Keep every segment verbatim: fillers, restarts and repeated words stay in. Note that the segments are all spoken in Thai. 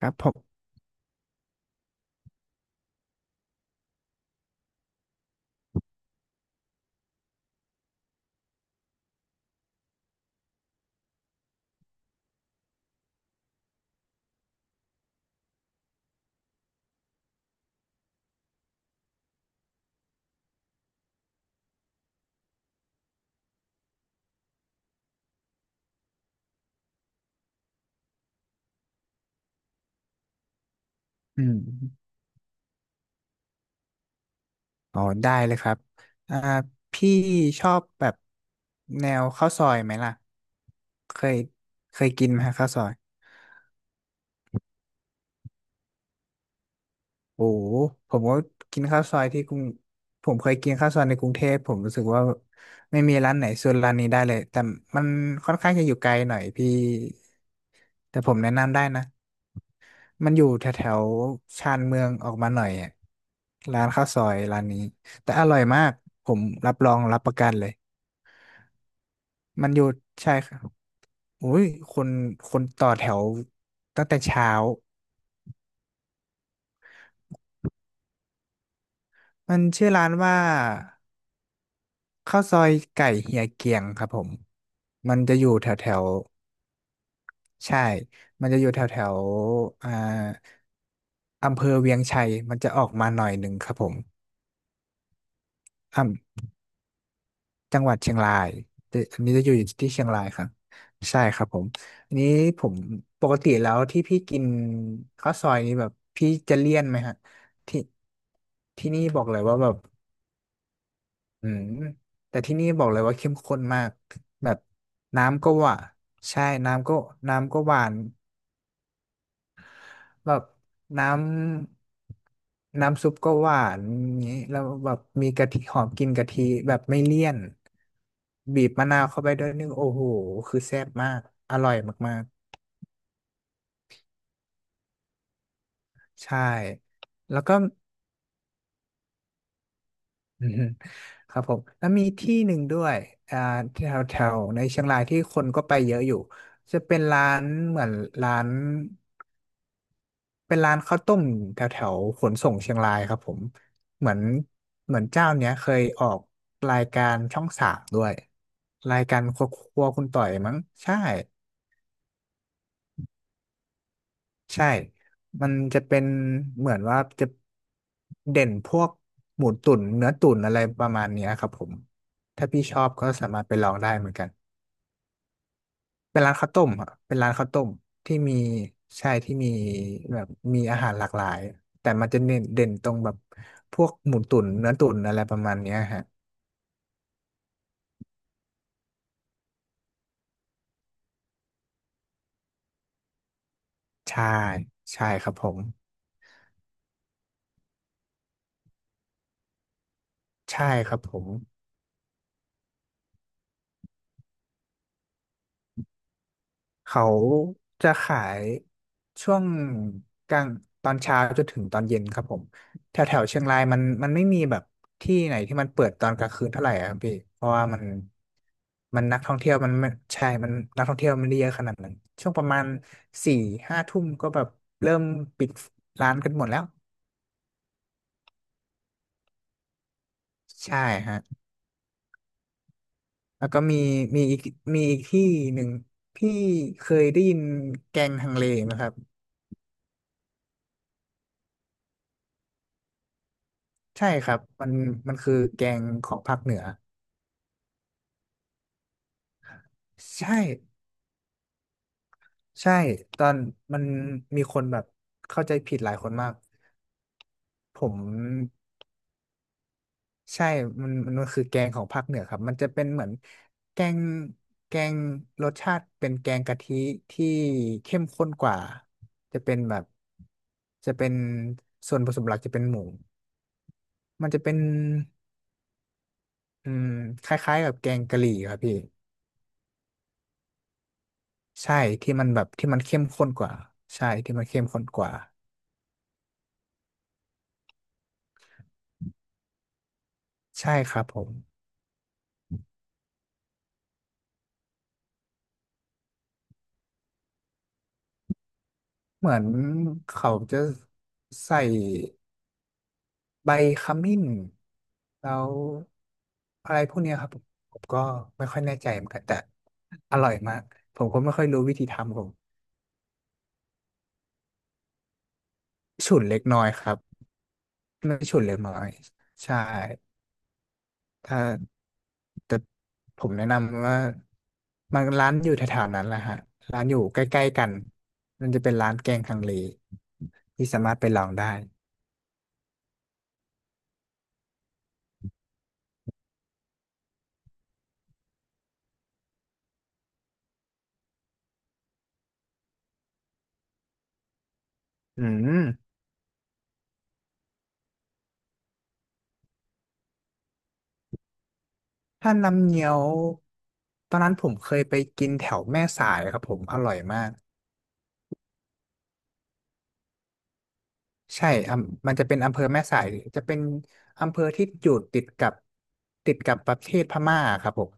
ครับผมอืมอ๋อได้เลยครับอ่าพี่ชอบแบบแนวข้าวซอยไหมล่ะเคยเคยกินไหมฮะข้าวซอยโอ้โหผมก็กินข้าวซอยที่กรุงผมเคยกินข้าวซอยในกรุงเทพผมรู้สึกว่าไม่มีร้านไหนสู้ร้านนี้ได้เลยแต่มันค่อนข้างจะอยู่ไกลหน่อยพี่แต่ผมแนะนำได้นะมันอยู่แถวๆชานเมืองออกมาหน่อยอะร้านข้าวซอยร้านนี้แต่อร่อยมากผมรับรองรับประกันเลย มันหยุดใช่ครับโอ้ยคนคนต่อแถวตั้งแต่เช้ามันชื่อร้านว่าข้าวซอยไก่เฮียเกียงครับผมมันจะอยู่แถวแถวใช่ มันจะอยู่แถวแถวอ่าอำเภอเวียงชัยมันจะออกมาหน่อยหนึ่งครับผม จังหวัดเชียงรายแต่อันนี้จะอยู่ที่เชียงรายครับ ใช่ครับผม อันนี้ผมปกติแล้วที่พี่กินข้าวซอยนี้แบบพี่จะเลี่ยนไหมฮะที่ที่นี่บอกเลยว่าแบบอืมแต่ที่นี่บอกเลยว่าเข้มข้นมากแบบน้ำก็หวานใช่น้ำก็น้ำก็หวาน แบบน้ำน้ำซุปก็หวานงี้แล้วแบบมีกะทิหอมกลินกะทิแบบไม่เลี่ยนบีบมะนาวเข้าไปด้วยนึงโอ้โหคือแซ่บมากอร่อยมากๆใช่แล้วก็ อืมครับผมแล้วมีที่หนึ่งด้วยอ่าแถวแถวในเชียงรายที่คนก็ไปเยอะอยู่จะเป็นร้านเหมือนร้าน เป็นร้านข้าวต้มแถวแถวขนส่งเชียงรายครับผมเหมือนเหมือนเจ้าเนี้ยเคยออกรายการช่องสามด้วยรายการครัวครัวคุณต่อยมั้งใช่ใช่มันจะเป็นเหมือนว่าจะเด่นพวกหมูตุ๋นเนื้อตุ๋นอะไรประมาณเนี้ยครับผมถ้าพี่ชอบก็สามารถไปลองได้เหมือนกัน เป็นร้านข้าวต้มอะเป็นร้านข้าวต้มที่มีใช่ที่มีแบบมีอาหารหลากหลายแต่มันจะเน้นเด่นตรงแบบพวกหมูตุ๋นเนื้อตุ๋นอะไรประมาณเนี้ยฮะใช่ใช่ครับผมใช่ครับผม เขาจะขายช่วงกลางตอนเช้าจนถึงตอนเย็นครับผมแถวแถวเชียงรายมันมันไม่มีแบบที่ไหนที่มันเปิดตอนกลางคืนเท่าไหร่อะครับพี่เพราะว่ามันมันนักท่องเที่ยวมันไม่ใช่มันนักท่องเที่ยวมันไม่ได้เยอะขนาดนั้นช่วงประมาณสี่ห้าทุ่มก็แบบเริ่มปิดร้านกันหมดแล้วใช่ฮะแล้วก็มีมีอีกมีอีกที่หนึ่งพี่เคยได้ยินแกงฮังเลไหมครับ ใช่ครับมันมันคือแกงของภาคเหนือใช่ใช่ตอนมันมีคนแบบเข้าใจผิดหลายคนมากผมใช่มันมันมันคือแกงของภาคเหนือครับมันจะเป็นเหมือนแกงแกงรสชาติเป็นแกงกะทิที่เข้มข้นกว่าจะเป็นแบบจะเป็นส่วนผสมหลักจะเป็นหมูมันจะเป็นอืมคล้ายๆกับแกงกะหรี่ครับพี่ ใช่ที่มันแบบที่มันเข้มข้นกว่าใช่ที่มันเข้มข้นกว่าใช่ครับผมเหมือนเขาจะใส่ใบขมิ้นแล้วอะไรพวกเนี้ยครับผมผมก็ไม่ค่อยแน่ใจเหมือนกันแต่อร่อยมากผมก็ไม่ค่อยรู้วิธีทำผมฉุนเล็กน้อยครับไม่ฉุนเล็กน้อยใช่ถ้า แต่ผมแนะนำว่ามันร้านอยู่แถวๆนั้นแหละฮะร้านอยู่ใกล้ๆกันมันจะเป็นร้านแกงฮังเลที่สามารถไปลองได้อืมถ้าน้ำเงี้ยวตอนนั้นผมเคยไปกินแถวแม่สายครับผมอร่อยมากใช่อำมันจะเป็นอำเภอแม่สายจะเป็นอำเภอที่อยู่ติดกับติดกับประเทศพม่าครับผม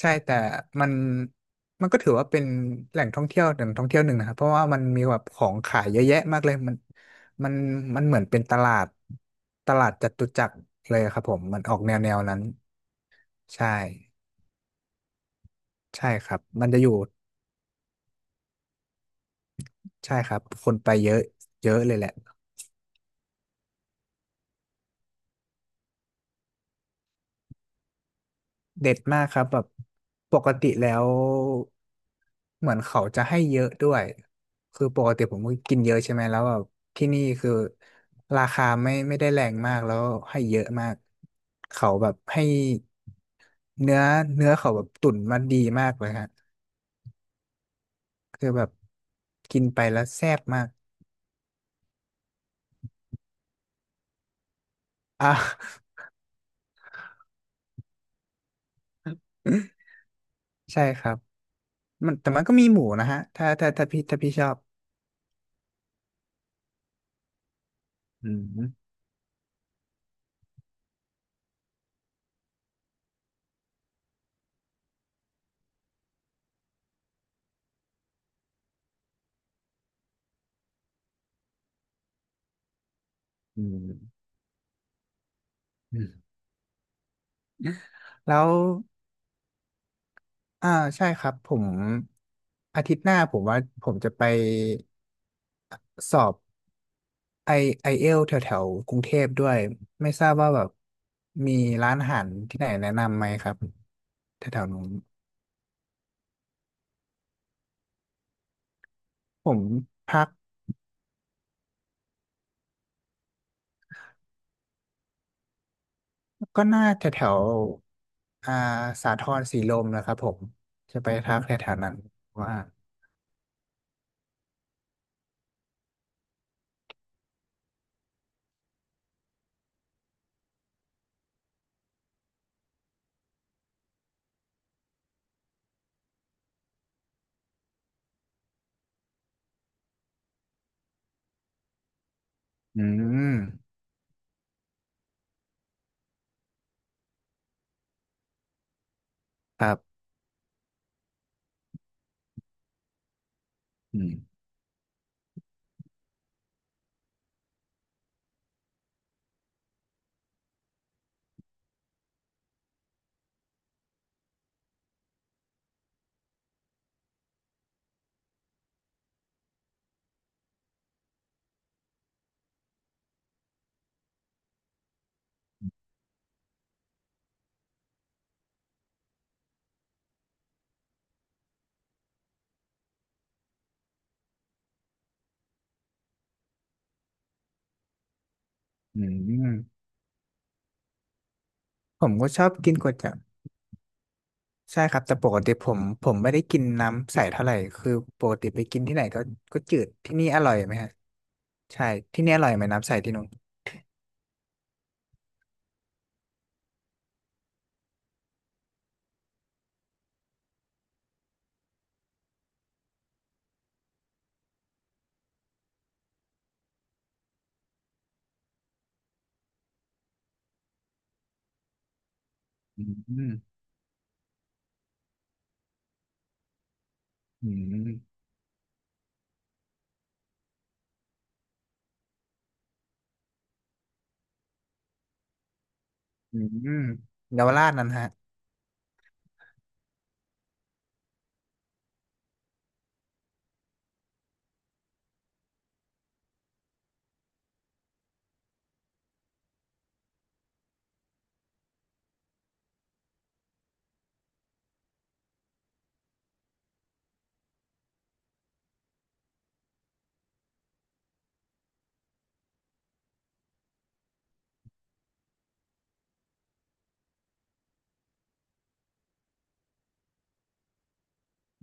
ใช่แต่มันมันก็ถือว่าเป็นแหล่งท่องเที่ยวแหล่งท่องเที่ยวหนึ่งนะครับเพราะว่ามันมีแบบของขายเยอะแยะมากเลยมันมันมันเหมือนเป็นตลาดตลาดจตุจักรเลยครับผมมันออกแนวแนวนั้นใช่ใช่ครับมันจะอยู่ใช่ครับคนไปเยอะเยอะเลยแหละ เด็ดมากครับแบบปกติแล้วเหมือนเขาจะให้เยอะด้วยคือปกติผมก็กินเยอะใช่ไหมแล้วแบบที่นี่คือราคาไม่ไม่ได้แรงมากแล้วให้เยอะมากเขาแบบให้เนื้อเนื้อเขาแบบตุ๋นมาดีมากเลยฮะคือแบบกินไปแล้วแซ่บมากอ่ะ ใช่ครับมันแต่มันก็มีหมูนะฮะถ้าถ้าถ้าพี่ถ้าพี่ชอบอืมแล้ว อ่าใช่ครับผมอาทิตย์หน้าผมว่าผมจะไปสอบไอไอ เอล ที เอสแถวแถวๆกรุงเทพด้วยไม่ทราบว่าแบบมีร้านอาหารที่ไหนแนะนำไหมครับแถวแถวนู้นผมพักก็น่าแถวแถวอ่าสาทรสีลมนะครับผมจะไปพักแถวแถวนั้นว่าอืมครับอืมอืมผมก็ชอบกินก๋วยจั๊บ ใช่ครับแต่ปกติผมผมไม่ได้กินน้ำใสเท่าไหร่คือปกติไปกินที่ไหนก็ก็จืดที่นี่อร่อยไหมฮะใช่ที่นี่อร่อยไหมน้ำใสที่นู้นอืมอืมอืมเยาวราชนั่นฮะ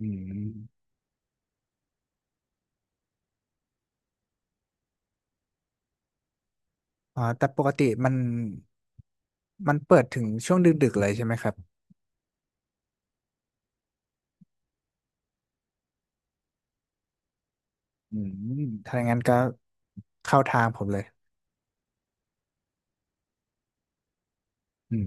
อืมอ๋อแต่ปกติมันมันเปิดถึงช่วงดึกๆเลยใช่ไหมครับอืมถ้าอย่างนั้นก็เข้าทางผมเลยอืม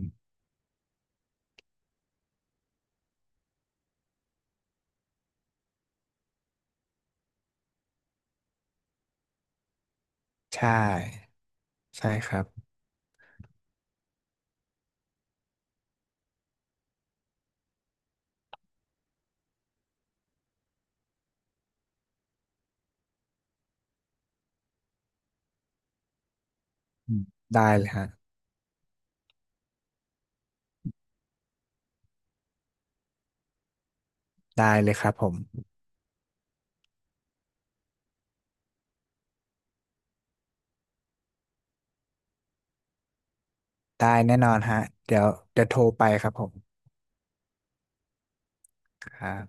ใช่ใช่ครับอืมได้เลยฮะได้เลยครับผมได้แน่นอนฮะเดี๋ยวเดี๋ยวโทรไปครับผมครับ